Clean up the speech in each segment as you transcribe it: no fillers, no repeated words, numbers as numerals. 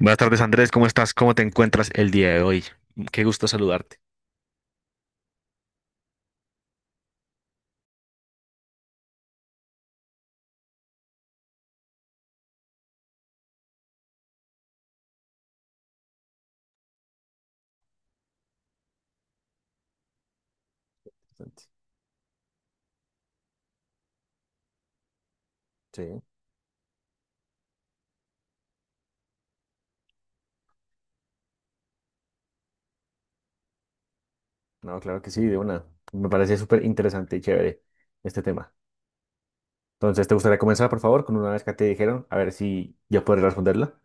Buenas tardes, Andrés. ¿Cómo estás? ¿Cómo te encuentras el día de hoy? Qué gusto saludarte. Bastante. Sí, no, claro que sí, de una. Me parece súper interesante y chévere este tema. Entonces, ¿te gustaría comenzar, por favor, con una vez que te dijeron? A ver si yo podré responderla.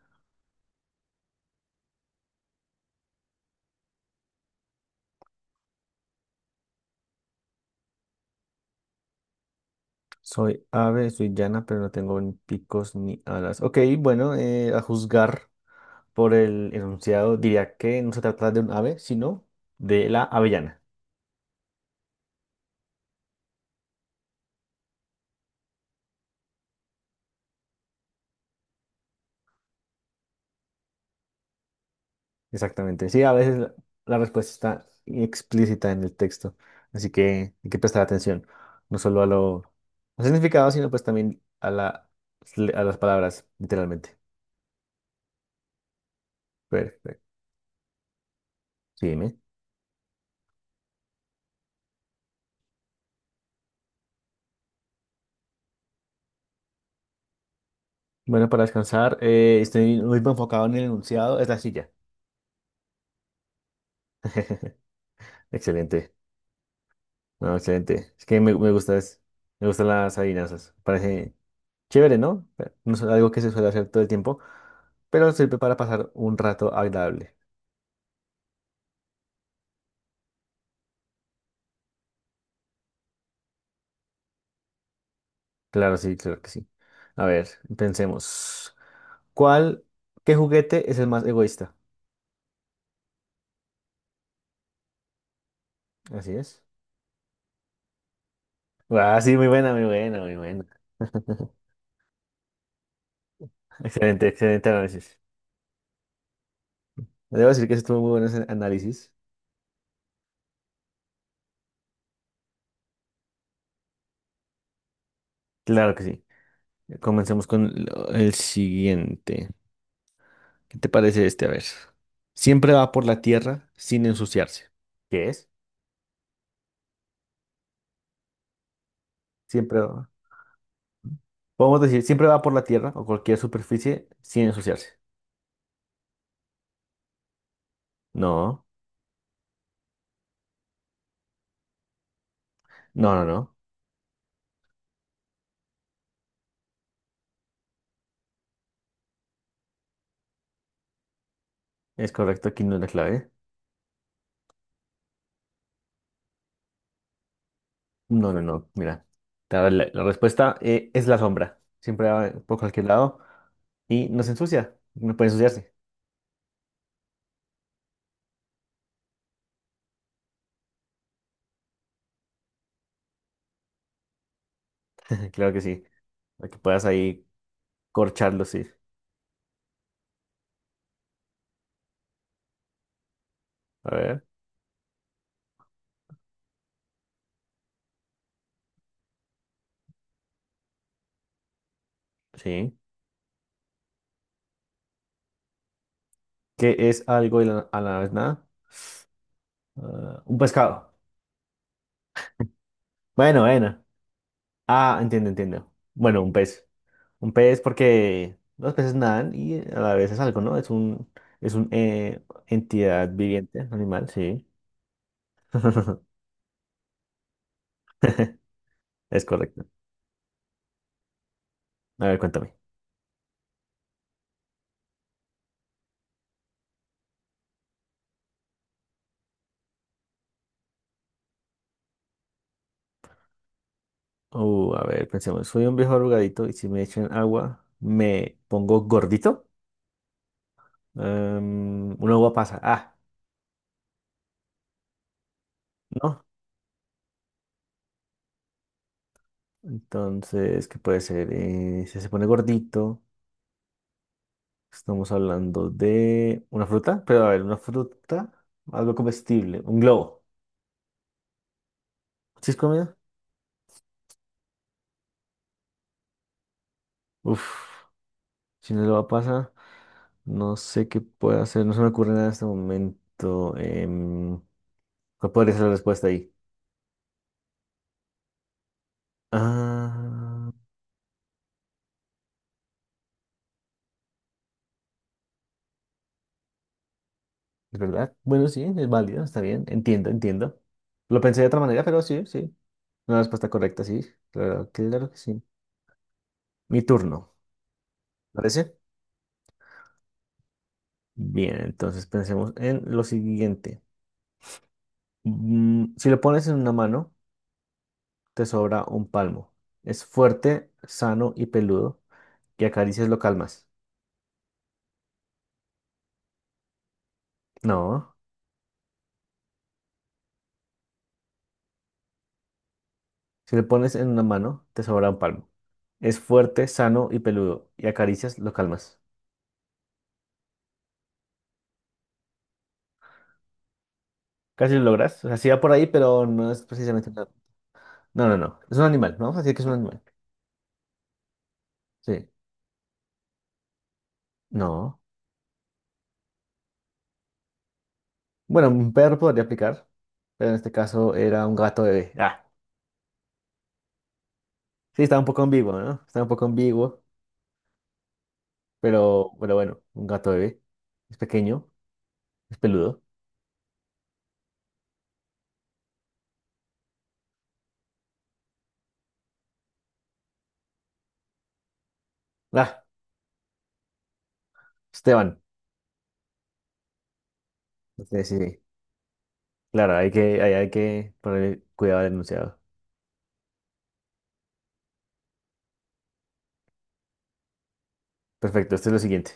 Soy ave, soy llana, pero no tengo ni picos ni alas. Ok, bueno, a juzgar por el enunciado, diría que no se trata de un ave, sino de la avellana. Exactamente. Sí, a veces la respuesta está explícita en el texto, así que hay que prestar atención, no solo al significado, sino pues también a las palabras, literalmente. Perfecto. Sí, dime. Bueno, para descansar, estoy muy enfocado en el enunciado, es la silla. Excelente. No, excelente. Es que me gusta, me gustan las adivinanzas. Parece chévere, ¿no? Pero no es algo que se suele hacer todo el tiempo, pero sirve para pasar un rato agradable. Claro, sí, claro que sí. A ver, pensemos. ¿Cuál, ¿qué juguete es el más egoísta? Así es. Ah, sí, muy buena, muy buena, muy buena. Excelente, excelente análisis. Debo decir que sí estuvo muy bueno ese análisis. Claro que sí. Comencemos con el siguiente. ¿Qué te parece este? A ver. Siempre va por la tierra sin ensuciarse. ¿Qué es? Siempre va. Podemos decir, siempre va por la tierra o cualquier superficie sin ensuciarse. No, no, no, no. Es correcto, aquí no es la clave. No, no, no, mira. Te voy a dar la respuesta es la sombra. Siempre va por cualquier lado y no se ensucia. No puede ensuciarse. Claro que sí. Para que puedas ahí corcharlo, sí. A ver, sí. ¿Qué es algo y a la vez nada? Ah, un pescado. Bueno, bueno. Ah, entiendo, entiendo. Bueno, un pez. Un pez porque los peces nadan y a la vez es algo, ¿no? Es un entidad viviente, animal, sí. Es correcto. A ver, cuéntame. A ver, pensemos, soy un viejo arrugadito y si me echan agua, me pongo gordito. Un agua pasa. Ah, ¿no? Entonces, ¿qué puede ser? Si se pone gordito, estamos hablando de una fruta, pero a ver, una fruta, algo comestible, un globo. ¿Sí es comida? Uf, si no lo va a pasar, no sé qué puedo hacer, no se me ocurre nada en este momento. Em, ¿Cuál podría ser la respuesta ahí? Ah. Es verdad. Bueno, sí, es válido, está bien. Entiendo, entiendo. Lo pensé de otra manera, pero sí, sí. Una respuesta correcta, sí. Claro, claro que sí. Mi turno, ¿parece? Bien, entonces pensemos en lo siguiente. Si lo pones en una mano, te sobra un palmo. Es fuerte, sano y peludo. Y acaricias lo calmas. No. Si lo pones en una mano, te sobra un palmo. Es fuerte, sano y peludo. Y acaricias lo calmas. Casi lo logras. O sea, sí va por ahí, pero no es precisamente. No, no, no. Es un animal. Vamos a decir que es un animal. Sí. No. Bueno, un perro podría aplicar, pero en este caso era un gato bebé. Ah, sí, estaba un poco ambiguo, ¿no? Estaba un poco ambiguo, pero bueno, un gato bebé. Es pequeño, es peludo. Ah, Esteban. Sí, sí, sí. Claro, hay que poner cuidado al enunciado. Perfecto, este es lo siguiente.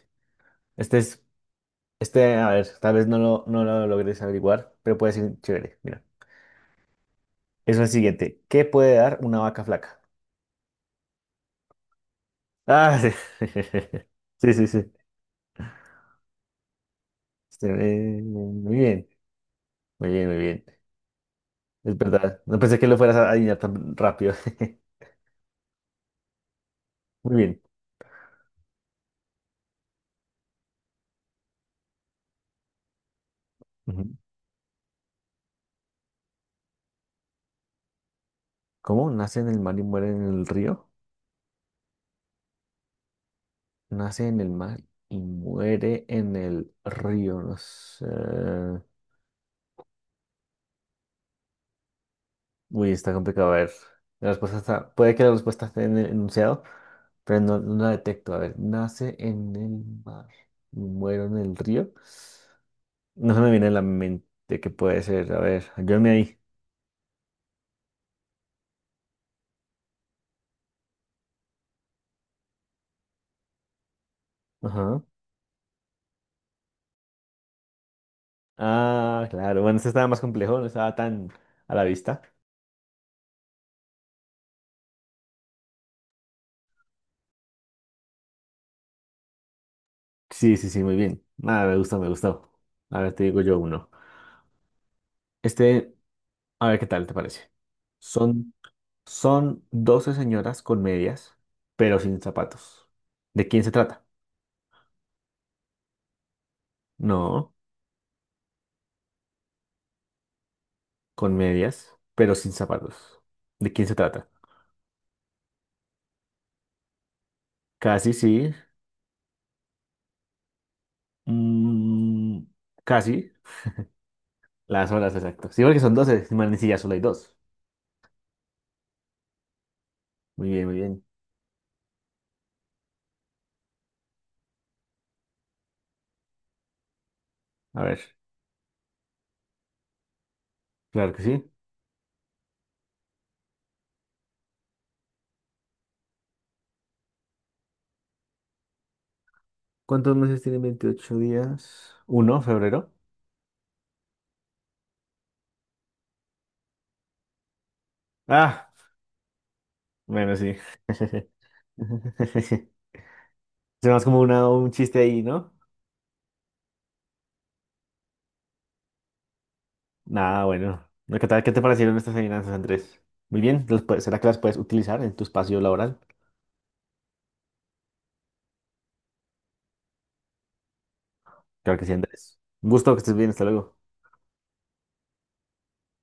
Este es, a ver, tal vez no lo logres averiguar, pero puede ser chévere. Mira, es el siguiente. ¿Qué puede dar una vaca flaca? Ah, sí. Sí, sí, sí. Muy bien, muy bien, muy bien. Es verdad. No pensé que lo fueras a adivinar tan rápido. Muy bien. Ujú. ¿Cómo nace en el mar y muere en el río? Nace en el mar y muere en el río. No sé. Uy, está complicado. A ver. La respuesta está. Puede que la respuesta esté en el enunciado, pero no, no la detecto. A ver, nace en el mar y muere en el río. No se me viene a la mente qué puede ser. A ver, ayúdame ahí. Ajá. Ah, claro. Bueno, este estaba más complejo, no estaba tan a la vista. Sí, sí, sí, muy bien. Nada, me gusta, me gustó. A ver, te digo yo uno. Este, a ver qué tal te parece. Son, son 12 señoras con medias, pero sin zapatos. ¿De quién se trata? No, con medias, pero sin zapatos. ¿De quién se trata? Casi sí. mm, Casi. Las horas, exacto. Sí, porque son 12, man, sí, ya solo hay dos. Muy bien, muy bien. A ver, claro que sí. ¿Cuántos meses tienen 28 días? Uno, febrero. Ah, bueno, sí. Se más como un chiste ahí, ¿no? Nada, bueno. ¿Qué tal? ¿Qué te parecieron estas adivinanzas, Andrés? Muy bien. ¿Será que las puedes utilizar en tu espacio laboral? Claro que sí, Andrés. Un gusto que estés bien. Hasta luego.